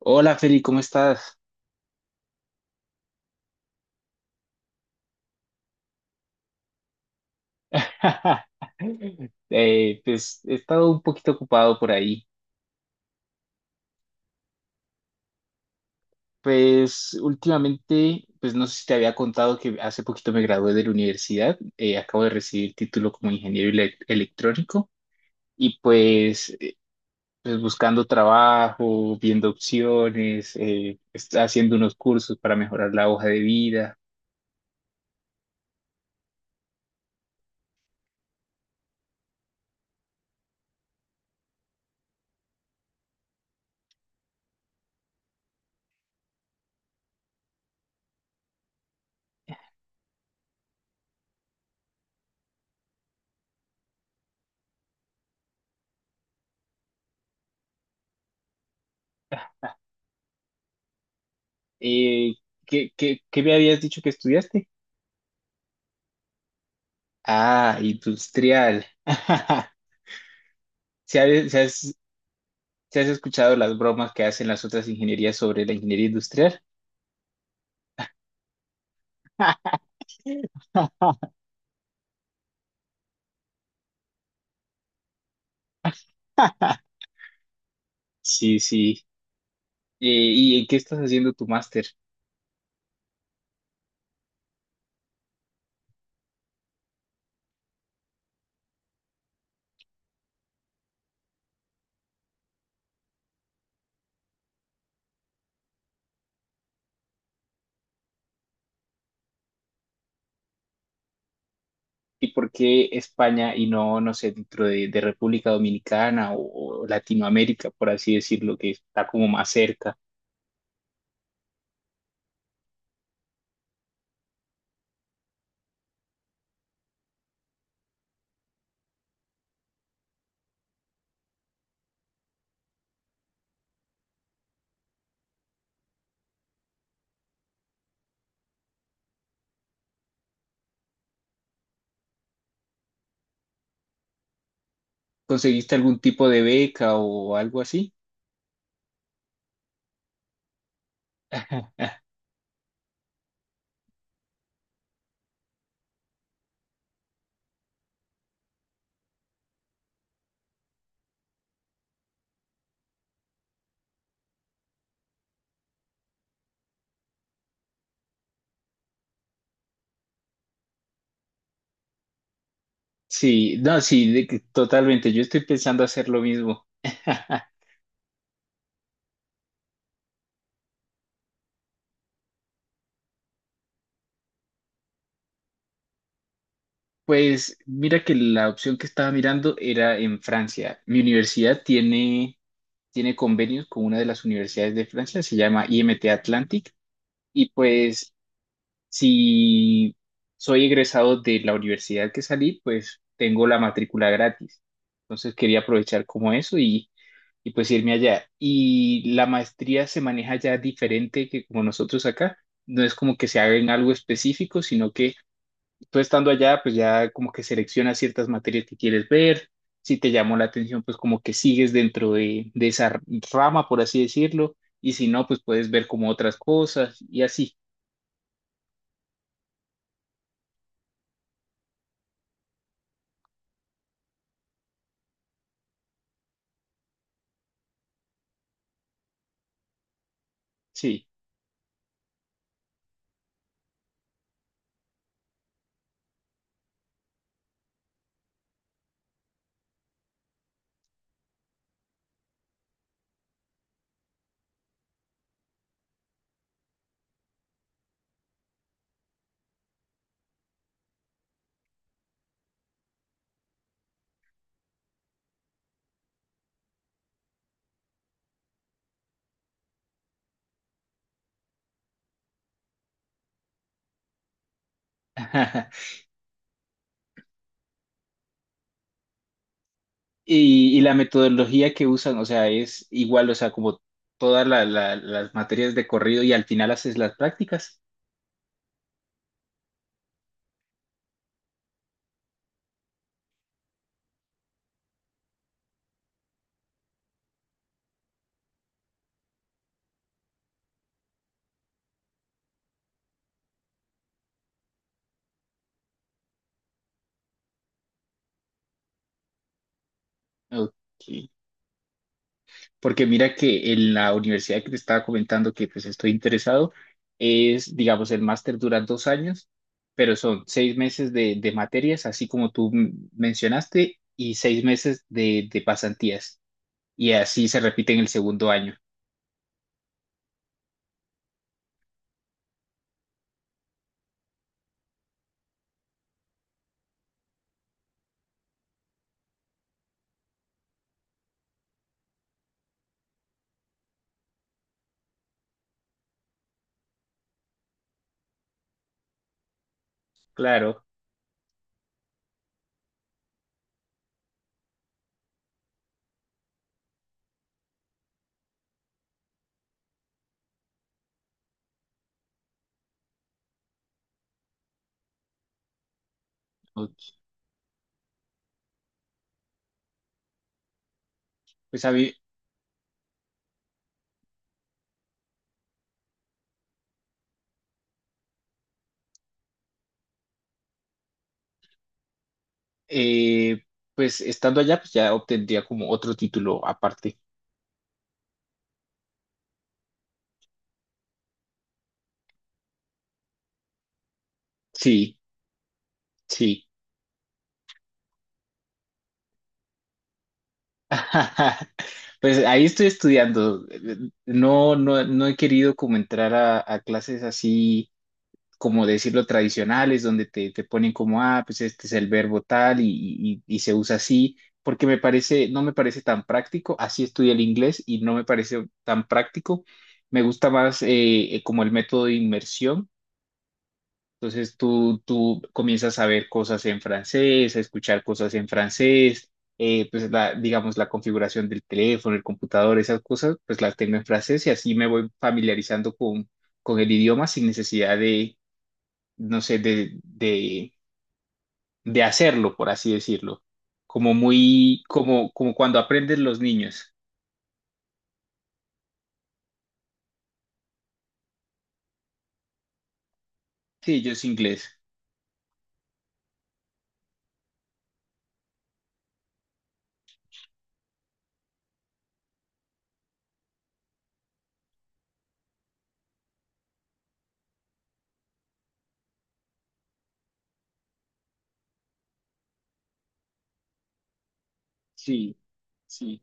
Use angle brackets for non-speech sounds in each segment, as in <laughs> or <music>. Hola Feli, ¿cómo estás? <laughs> Pues he estado un poquito ocupado por ahí. Pues últimamente, pues no sé si te había contado que hace poquito me gradué de la universidad. Acabo de recibir título como ingeniero electrónico y pues, pues buscando trabajo, viendo opciones, haciendo unos cursos para mejorar la hoja de vida. Eh, ¿qué me habías dicho que estudiaste? Ah, industrial. <laughs> ¿Se ¿Te has escuchado las bromas que hacen las otras ingenierías sobre la ingeniería industrial? <laughs> Sí, sí. ¿Y en qué estás haciendo tu máster? ¿Y por qué España y no, no sé, dentro de República Dominicana o Latinoamérica, por así decirlo, que está como más cerca? ¿Conseguiste algún tipo de beca o algo así? <laughs> Sí, no, sí, de que totalmente. Yo estoy pensando hacer lo mismo. <laughs> Pues mira que la opción que estaba mirando era en Francia. Mi tiene convenios con una de las universidades de Francia, se llama IMT Atlantic, y pues si soy egresado de la universidad que salí, pues tengo la matrícula gratis. Entonces quería aprovechar como eso y pues irme allá. Y la maestría se maneja ya diferente que como nosotros acá. No es como que se haga en algo específico, sino que tú estando allá, pues ya como que seleccionas ciertas materias que quieres ver. Si te llamó la atención, pues como que sigues dentro de esa rama, por así decirlo. Y si no, pues puedes ver como otras cosas y así. Sí. <laughs> Y, y la metodología que usan, o sea, es igual, o sea, como todas las materias de corrido y al final haces las prácticas. Ok. Porque mira que en la universidad que te estaba comentando que pues estoy interesado, es, digamos, el máster dura dos años, pero son seis meses de materias, así como tú mencionaste, y seis meses de pasantías. Y así se repite en el segundo año. Claro, ok. Pues a mí, eh, pues estando allá, pues ya obtendría como otro título aparte. Sí, sí. <laughs> Pues ahí estoy estudiando. No, no, no he querido como entrar a clases así, como decirlo, tradicionales, donde te ponen como, ah, pues este es el verbo tal y, y se usa así, porque me parece, no me parece tan práctico. Así estudié el inglés y no me parece tan práctico. Me gusta más como el método de inmersión. Entonces tú comienzas a ver cosas en francés, a escuchar cosas en francés, pues la, digamos la configuración del teléfono, el computador, esas cosas, pues las tengo en francés y así me voy familiarizando con el idioma sin necesidad de, no sé, de hacerlo, por así decirlo. Como muy, como, como cuando aprenden los niños. Sí, yo es inglés. Sí, sí,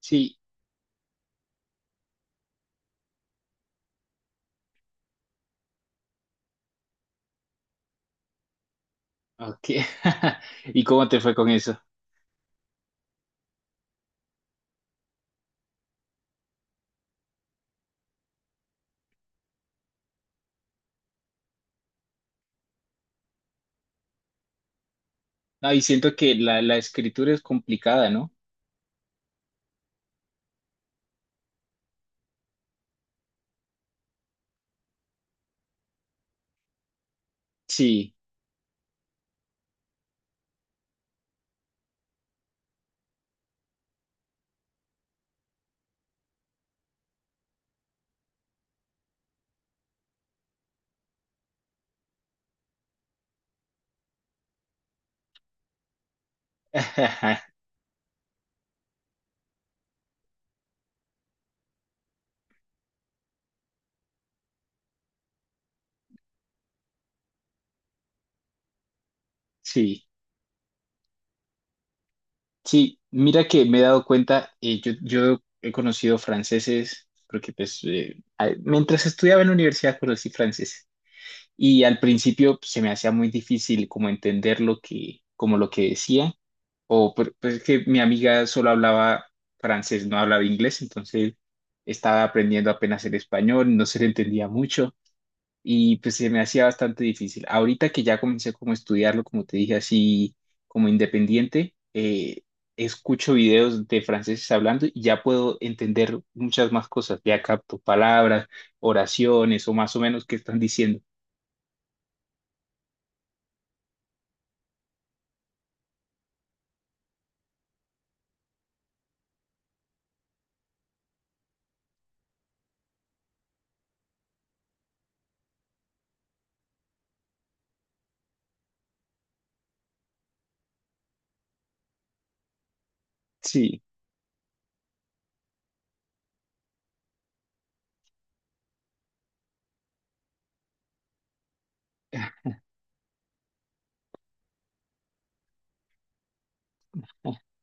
sí. Ok. <laughs> ¿Y cómo te fue con eso? No, y siento que la escritura es complicada, ¿no? Sí, <laughs> sí, sí. Mira que me he dado cuenta, yo, yo he conocido franceses, porque pues mientras estudiaba en la universidad conocí franceses y al principio pues, se me hacía muy difícil como entender lo que, como lo que decía, o pues es que mi amiga solo hablaba francés, no hablaba inglés, entonces estaba aprendiendo apenas el español, no se le entendía mucho. Y pues se me hacía bastante difícil. Ahorita que ya comencé como a estudiarlo, como te dije, así como independiente, escucho videos de franceses hablando y ya puedo entender muchas más cosas. Ya capto palabras, oraciones o más o menos qué están diciendo. Sí, <laughs>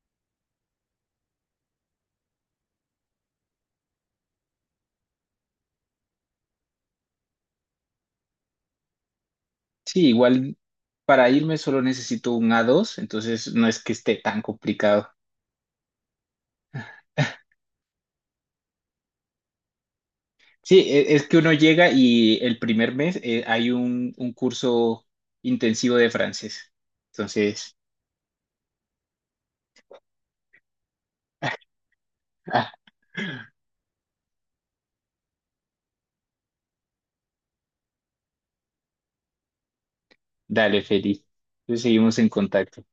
sí, igual para irme solo necesito un a dos, entonces no es que esté tan complicado. Sí, es que uno llega y el primer mes hay un curso intensivo de francés. Entonces, <laughs> dale, feliz. Entonces seguimos en contacto.